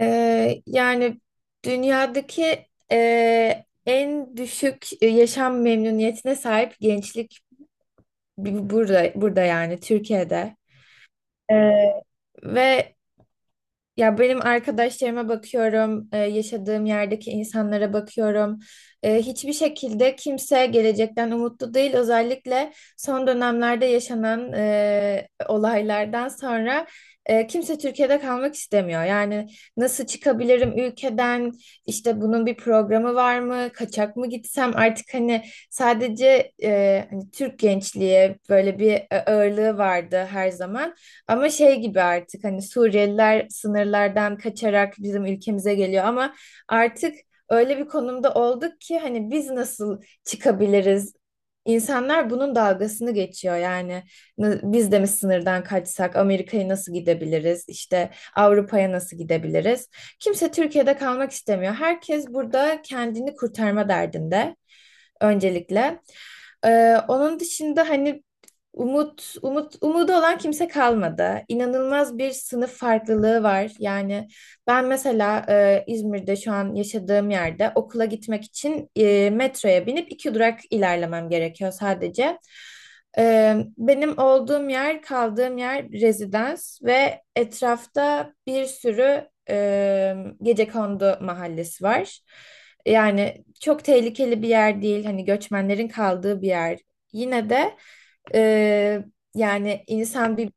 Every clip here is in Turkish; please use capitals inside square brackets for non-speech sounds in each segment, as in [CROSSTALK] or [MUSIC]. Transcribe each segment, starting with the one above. Yani dünyadaki en düşük yaşam memnuniyetine sahip gençlik burada yani Türkiye'de. Ee, ve ya benim arkadaşlarıma bakıyorum, yaşadığım yerdeki insanlara bakıyorum. Hiçbir şekilde kimse gelecekten umutlu değil. Özellikle son dönemlerde yaşanan olaylardan sonra kimse Türkiye'de kalmak istemiyor. Yani nasıl çıkabilirim ülkeden? İşte bunun bir programı var mı? Kaçak mı gitsem? Artık hani sadece hani Türk gençliğe böyle bir ağırlığı vardı her zaman. Ama şey gibi artık hani Suriyeliler sınırlardan kaçarak bizim ülkemize geliyor ama artık öyle bir konumda olduk ki hani biz nasıl çıkabiliriz? İnsanlar bunun dalgasını geçiyor yani. Biz de mi sınırdan kaçsak Amerika'ya nasıl gidebiliriz? İşte Avrupa'ya nasıl gidebiliriz? Kimse Türkiye'de kalmak istemiyor. Herkes burada kendini kurtarma derdinde öncelikle. Onun dışında hani umut umut umudu olan kimse kalmadı. İnanılmaz bir sınıf farklılığı var. Yani ben mesela İzmir'de şu an yaşadığım yerde okula gitmek için metroya binip iki durak ilerlemem gerekiyor sadece. Benim olduğum yer, kaldığım yer rezidans ve etrafta bir sürü gecekondu mahallesi var. Yani çok tehlikeli bir yer değil, hani göçmenlerin kaldığı bir yer. Yine de e, yani insan bir...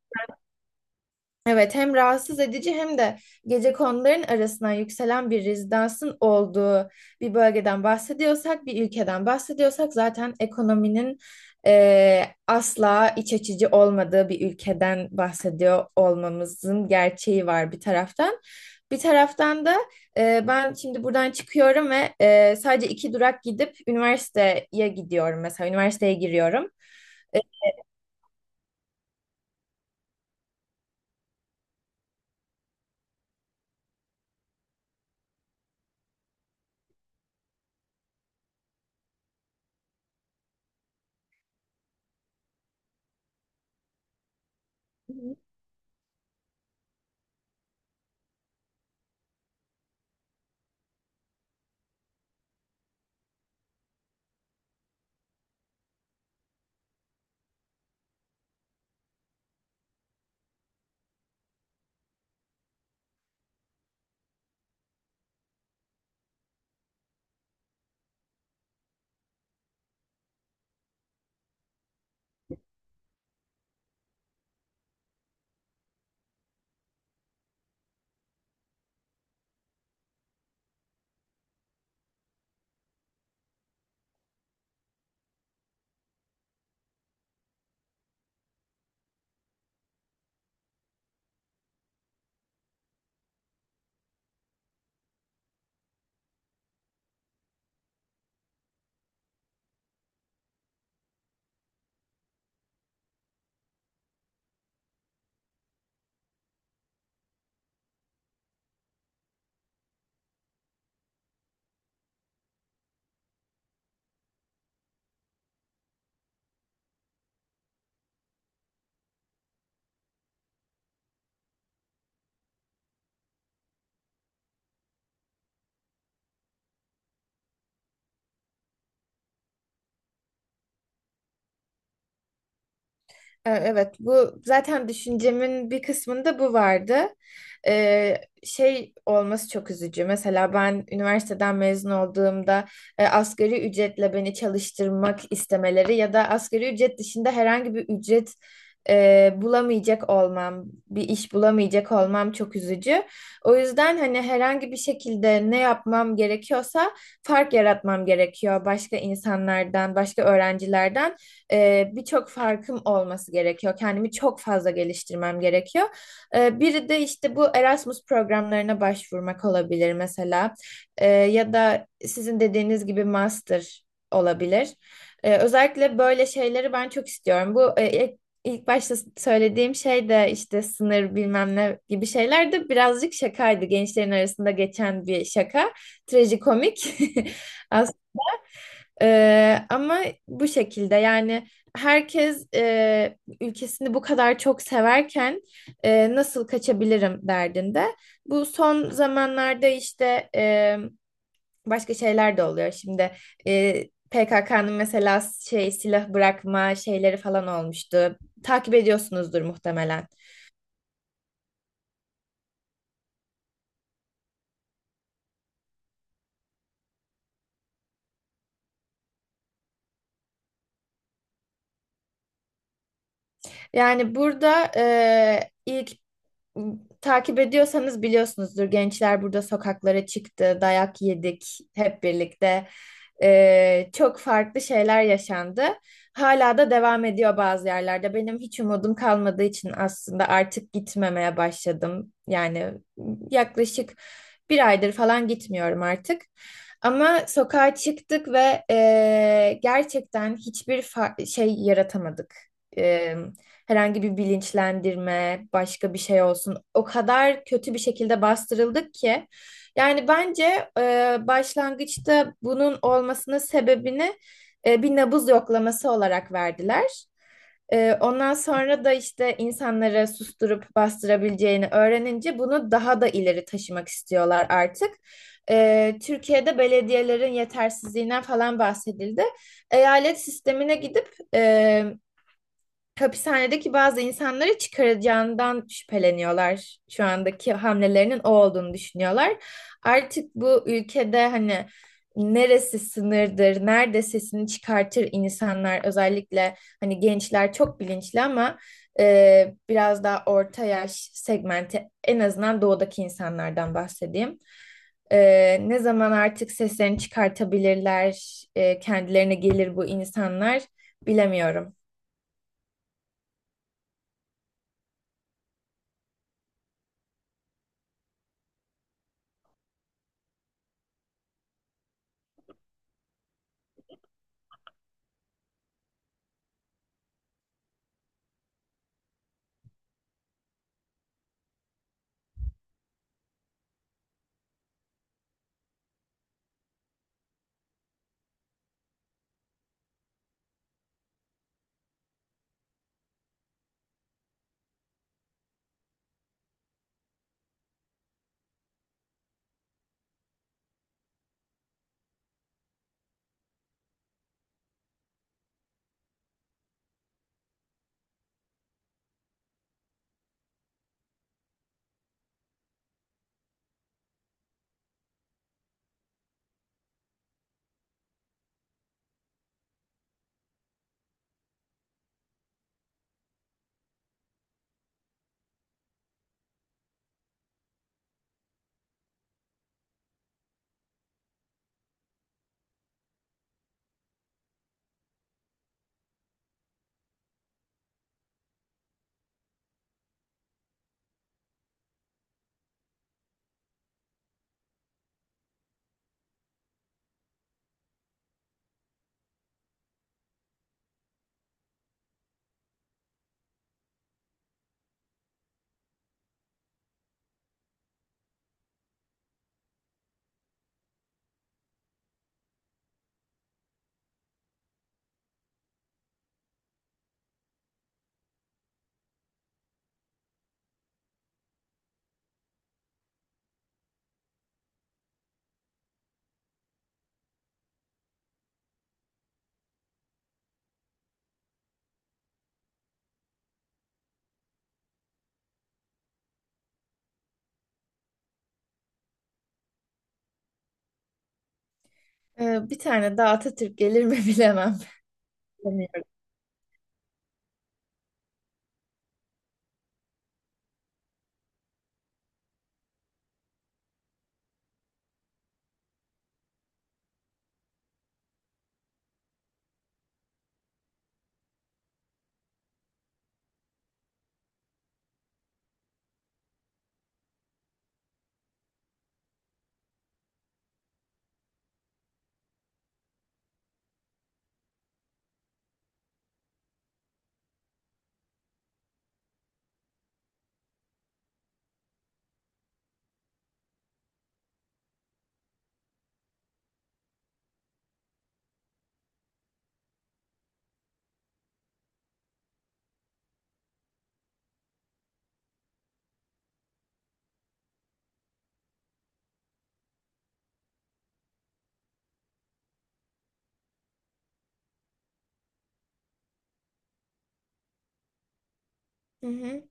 Evet, hem rahatsız edici hem de gecekonduların arasından yükselen bir rezidansın olduğu bir bölgeden bahsediyorsak, bir ülkeden bahsediyorsak zaten ekonominin asla iç açıcı olmadığı bir ülkeden bahsediyor olmamızın gerçeği var bir taraftan. Bir taraftan da ben şimdi buradan çıkıyorum ve sadece iki durak gidip üniversiteye gidiyorum mesela üniversiteye giriyorum. Evet, bu zaten düşüncemin bir kısmında bu vardı. E, şey olması çok üzücü. Mesela ben üniversiteden mezun olduğumda asgari ücretle beni çalıştırmak istemeleri ya da asgari ücret dışında herhangi bir ücret bulamayacak olmam, bir iş bulamayacak olmam çok üzücü. O yüzden hani herhangi bir şekilde ne yapmam gerekiyorsa fark yaratmam gerekiyor başka insanlardan, başka öğrencilerden birçok farkım olması gerekiyor. Kendimi çok fazla geliştirmem gerekiyor. Biri de işte bu Erasmus programlarına başvurmak olabilir mesela. Ya da sizin dediğiniz gibi master olabilir. Özellikle böyle şeyleri ben çok istiyorum. Bu ilk başta söylediğim şey de işte sınır bilmem ne gibi şeyler de birazcık şakaydı. Gençlerin arasında geçen bir şaka. Trajikomik. [LAUGHS] Ama bu şekilde yani herkes ülkesini bu kadar çok severken nasıl kaçabilirim derdinde. Bu son zamanlarda işte başka şeyler de oluyor. Şimdi e, PKK'nın mesela şey silah bırakma şeyleri falan olmuştu. Takip ediyorsunuzdur muhtemelen. Yani burada ilk. Takip ediyorsanız biliyorsunuzdur. Gençler burada sokaklara çıktı, dayak yedik hep birlikte. Çok farklı şeyler yaşandı. Hala da devam ediyor bazı yerlerde. Benim hiç umudum kalmadığı için aslında artık gitmemeye başladım. Yani yaklaşık bir aydır falan gitmiyorum artık. Ama sokağa çıktık ve gerçekten hiçbir şey yaratamadık. Ee, herhangi bir bilinçlendirme, başka bir şey olsun. O kadar kötü bir şekilde bastırıldık ki. Yani bence başlangıçta bunun olmasının sebebini bir nabız yoklaması olarak verdiler. Ondan sonra da işte insanları susturup bastırabileceğini öğrenince bunu daha da ileri taşımak istiyorlar artık. Türkiye'de belediyelerin yetersizliğinden falan bahsedildi. Eyalet sistemine gidip e, hapishanedeki bazı insanları çıkaracağından şüpheleniyorlar. Şu andaki hamlelerinin o olduğunu düşünüyorlar. Artık bu ülkede hani neresi sınırdır, nerede sesini çıkartır insanlar, özellikle hani gençler çok bilinçli ama biraz daha orta yaş segmenti, en azından doğudaki insanlardan bahsedeyim. Ne zaman artık seslerini çıkartabilirler, kendilerine gelir bu insanlar, bilemiyorum. Bir tane daha Atatürk gelir mi [LAUGHS] bilemem. Bilemiyorum. Hı hı.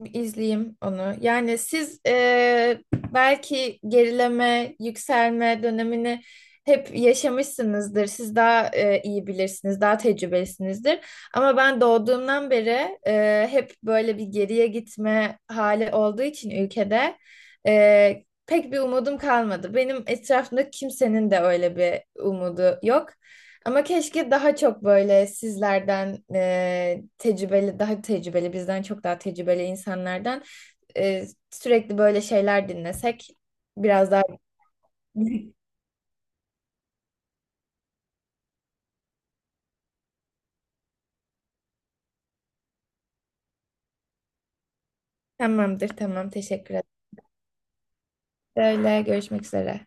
Bir izleyeyim onu. Yani siz belki gerileme, yükselme dönemini hep yaşamışsınızdır. Siz daha iyi bilirsiniz, daha tecrübelisinizdir. Ama ben doğduğumdan beri hep böyle bir geriye gitme hali olduğu için ülkede pek bir umudum kalmadı. Benim etrafımda kimsenin de öyle bir umudu yok. Ama keşke daha çok böyle sizlerden tecrübeli, daha tecrübeli, bizden çok daha tecrübeli insanlardan sürekli böyle şeyler dinlesek biraz daha... [LAUGHS] Tamamdır, tamam. Teşekkür ederim. Öyle, görüşmek üzere.